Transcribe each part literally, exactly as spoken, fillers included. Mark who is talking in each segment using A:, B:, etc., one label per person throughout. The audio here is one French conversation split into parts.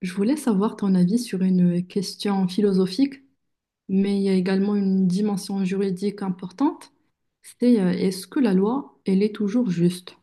A: Je voulais savoir ton avis sur une question philosophique, mais il y a également une dimension juridique importante. C'est euh, est-ce que la loi, elle est toujours juste?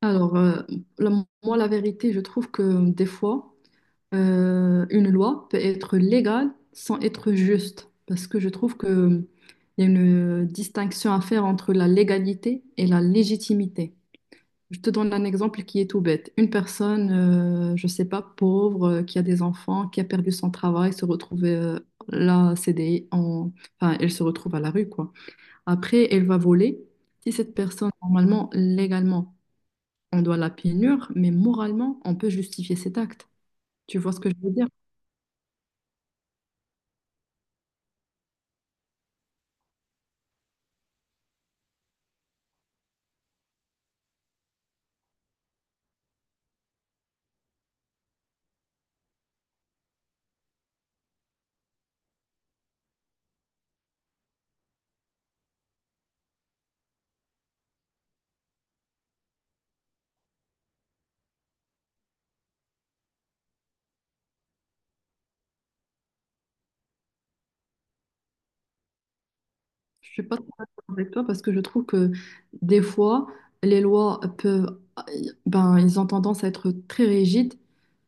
A: Alors, euh, la- Moi, la vérité, je trouve que des fois, euh, une loi peut être légale sans être juste, parce que je trouve que euh, il y a une distinction à faire entre la légalité et la légitimité. Je te donne un exemple qui est tout bête. Une personne, euh, je sais pas, pauvre, euh, qui a des enfants, qui a perdu son travail, se retrouve euh, là, C D I, en... enfin, elle se retrouve à la rue, quoi. Après, elle va voler. Si cette personne, normalement, légalement, on doit la punir, mais moralement, on peut justifier cet acte. Tu vois ce que je veux dire? Je suis pas trop d'accord avec toi parce que je trouve que des fois, les lois peuvent, ben, ils ont tendance à être très rigides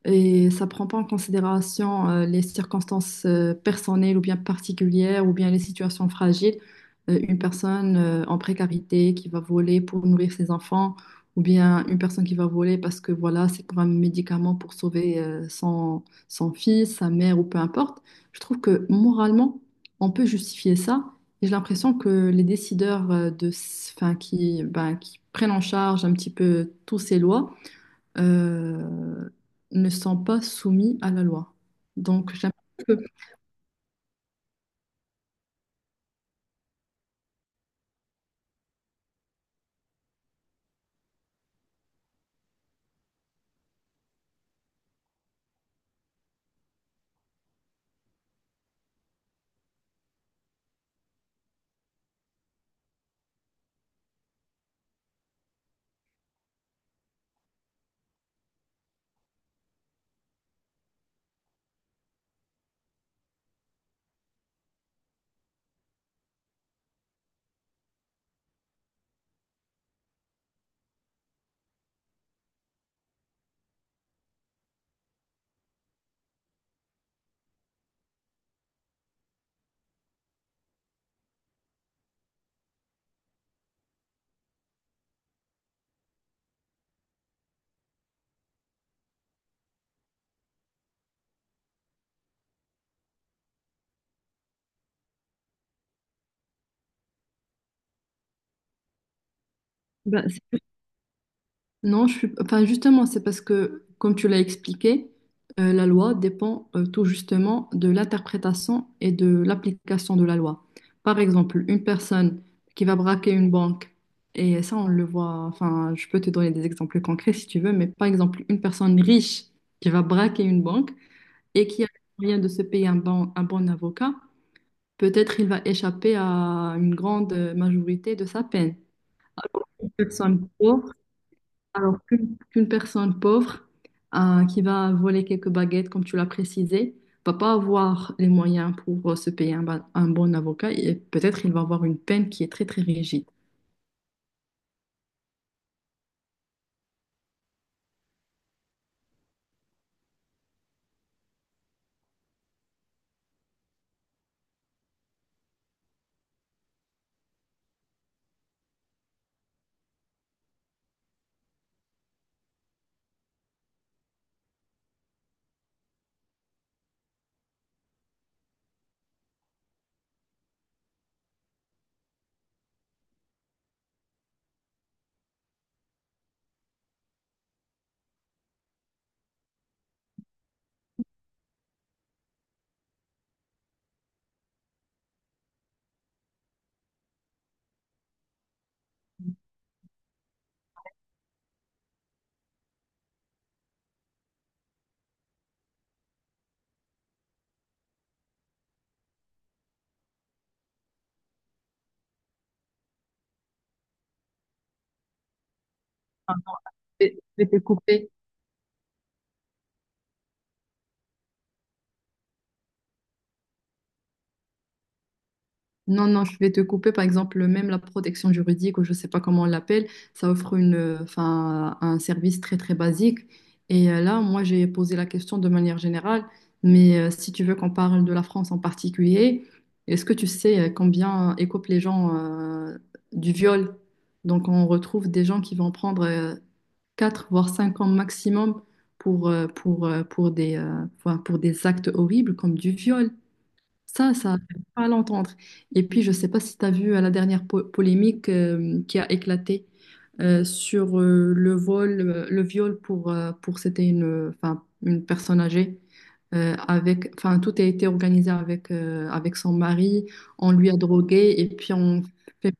A: et ça prend pas en considération euh, les circonstances euh, personnelles ou bien particulières ou bien les situations fragiles. Euh, une personne euh, en précarité qui va voler pour nourrir ses enfants ou bien une personne qui va voler parce que voilà, c'est pour un médicament pour sauver euh, son, son fils, sa mère ou peu importe. Je trouve que moralement, on peut justifier ça. J'ai l'impression que les décideurs euh, de, s- enfin, qui, ben, qui prennent en charge un petit peu tous ces lois euh, ne sont pas soumis à la loi. Donc, j'ai l'impression que- ben, non, je suis... enfin, justement, c'est parce que, comme tu l'as expliqué, euh, la loi dépend euh, tout justement de l'interprétation et de l'application de la loi. Par exemple, une personne qui va braquer une banque, et ça, on le voit, enfin, je peux te donner des exemples concrets si tu veux, mais par exemple, une personne riche qui va braquer une banque et qui a les moyens de se payer un bon, un bon avocat, peut-être il va échapper à une grande euh, majorité de sa peine. Une personne pauvre alors qu'une Qu'une personne pauvre euh, qui va voler quelques baguettes, comme tu l'as précisé, va pas avoir les moyens pour euh, se payer un, ba- un bon avocat et peut-être il va avoir une peine qui est très très rigide. Je je vais te couper Non, non, je vais te couper. Par exemple, même la protection juridique, ou je ne sais pas comment on l'appelle, ça offre une, euh, enfin, un service très, très basique. Et euh, là, moi, j'ai posé la question de manière générale, mais euh, si tu veux qu'on parle de la France en particulier, est-ce que tu sais euh, combien euh, écopent les gens euh, du viol? Donc, on retrouve des gens qui vont prendre euh, quatre voire cinq ans maximum pour, euh, pour, euh, pour des, euh, enfin, pour des actes horribles comme du viol. Ça, ça fait pas à l'entendre. Et puis, je ne sais pas si tu as vu euh, la dernière po- polémique euh, qui a éclaté euh, sur euh, le vol, euh, le viol pour, euh, pour c'était une, euh, enfin, une personne âgée. euh, avec, enfin, tout a été organisé avec, euh, avec son mari. On lui a drogué et puis on fait...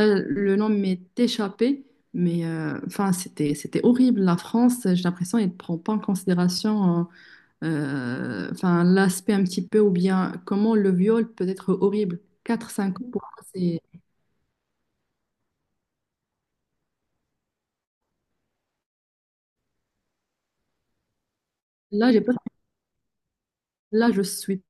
A: Euh, le nom m'est échappé, mais euh, enfin, c'était, c'était horrible. La France, j'ai l'impression, elle ne prend pas en considération. Euh, euh, enfin, l'aspect un petit peu, ou bien comment le viol peut être horrible. Quatre cinq ans, pour moi, c'est... là, j'ai pas... là, je suis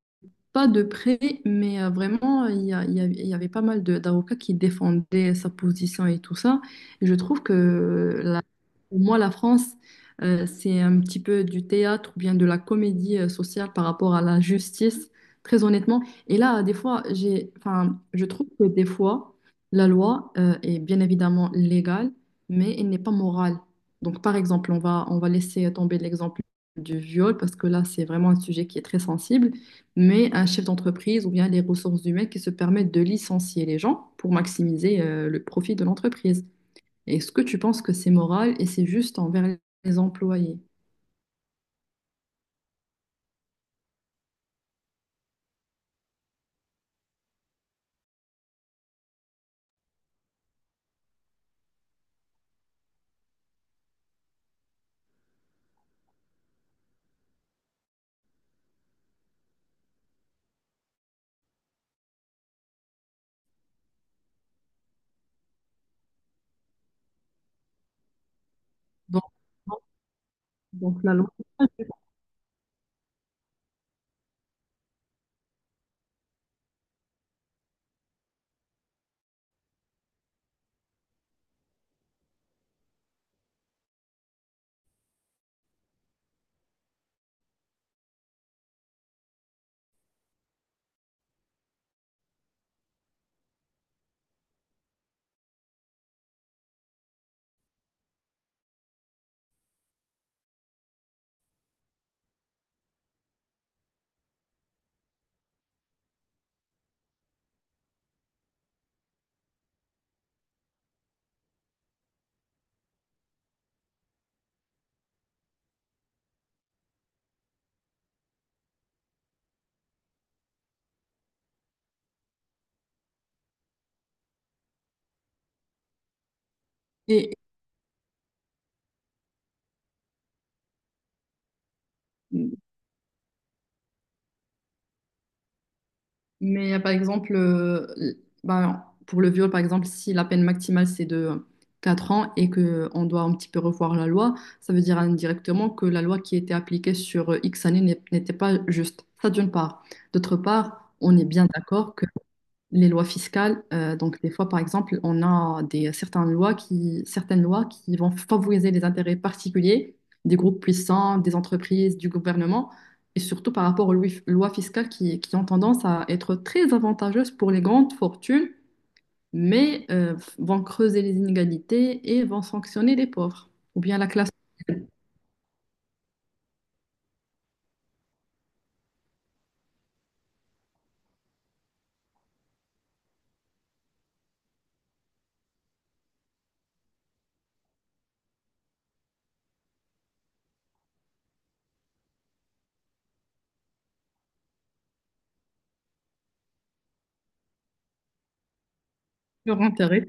A: pas de près, mais euh, vraiment, il y a- il y a- il y avait pas mal de- d'avocats qui défendaient sa position et tout ça. Et je trouve que la- pour moi, la France, euh, c'est un petit peu du théâtre ou bien de la comédie euh, sociale par rapport à la justice, très honnêtement. Et là, des fois, j'ai, enfin, je trouve que des fois, la loi, euh, est bien évidemment légale, mais elle n'est pas morale. Donc, par exemple, on va, on va laisser tomber l'exemple du viol parce que là, c'est vraiment un sujet qui est très sensible mais un chef d'entreprise ou bien les ressources humaines qui se permettent de licencier les gens pour maximiser euh, le profit de l'entreprise. Est-ce que tu penses que c'est moral et c'est juste envers les employés? Donc, donc la loi. Et- mais euh, par exemple, euh, ben, pour le viol, par exemple, si la peine maximale c'est de quatre ans et que on doit un petit peu revoir la loi, ça veut dire indirectement que la loi qui était appliquée sur X années n'est- n'était pas juste. Ça d'une part. D'autre part, on est bien d'accord les lois fiscales. Euh, donc, des fois, par exemple, on a des, certaines lois qui, certaines lois qui vont favoriser les intérêts particuliers des groupes puissants, des entreprises, du gouvernement, et surtout par rapport aux lois lois fiscales qui, qui ont tendance à être très avantageuses pour les grandes fortunes, mais euh, vont creuser les inégalités et vont sanctionner les pauvres, ou bien la classe. Leur intérêt.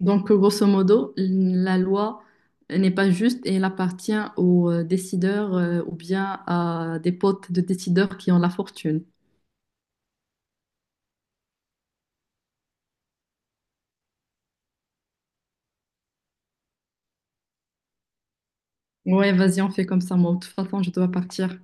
A: Donc, grosso modo, la loi n'est pas juste et elle appartient aux euh, décideurs euh, ou bien à des potes de décideurs qui ont la fortune. Ouais, vas-y, on fait comme ça, moi. De toute façon, je dois partir.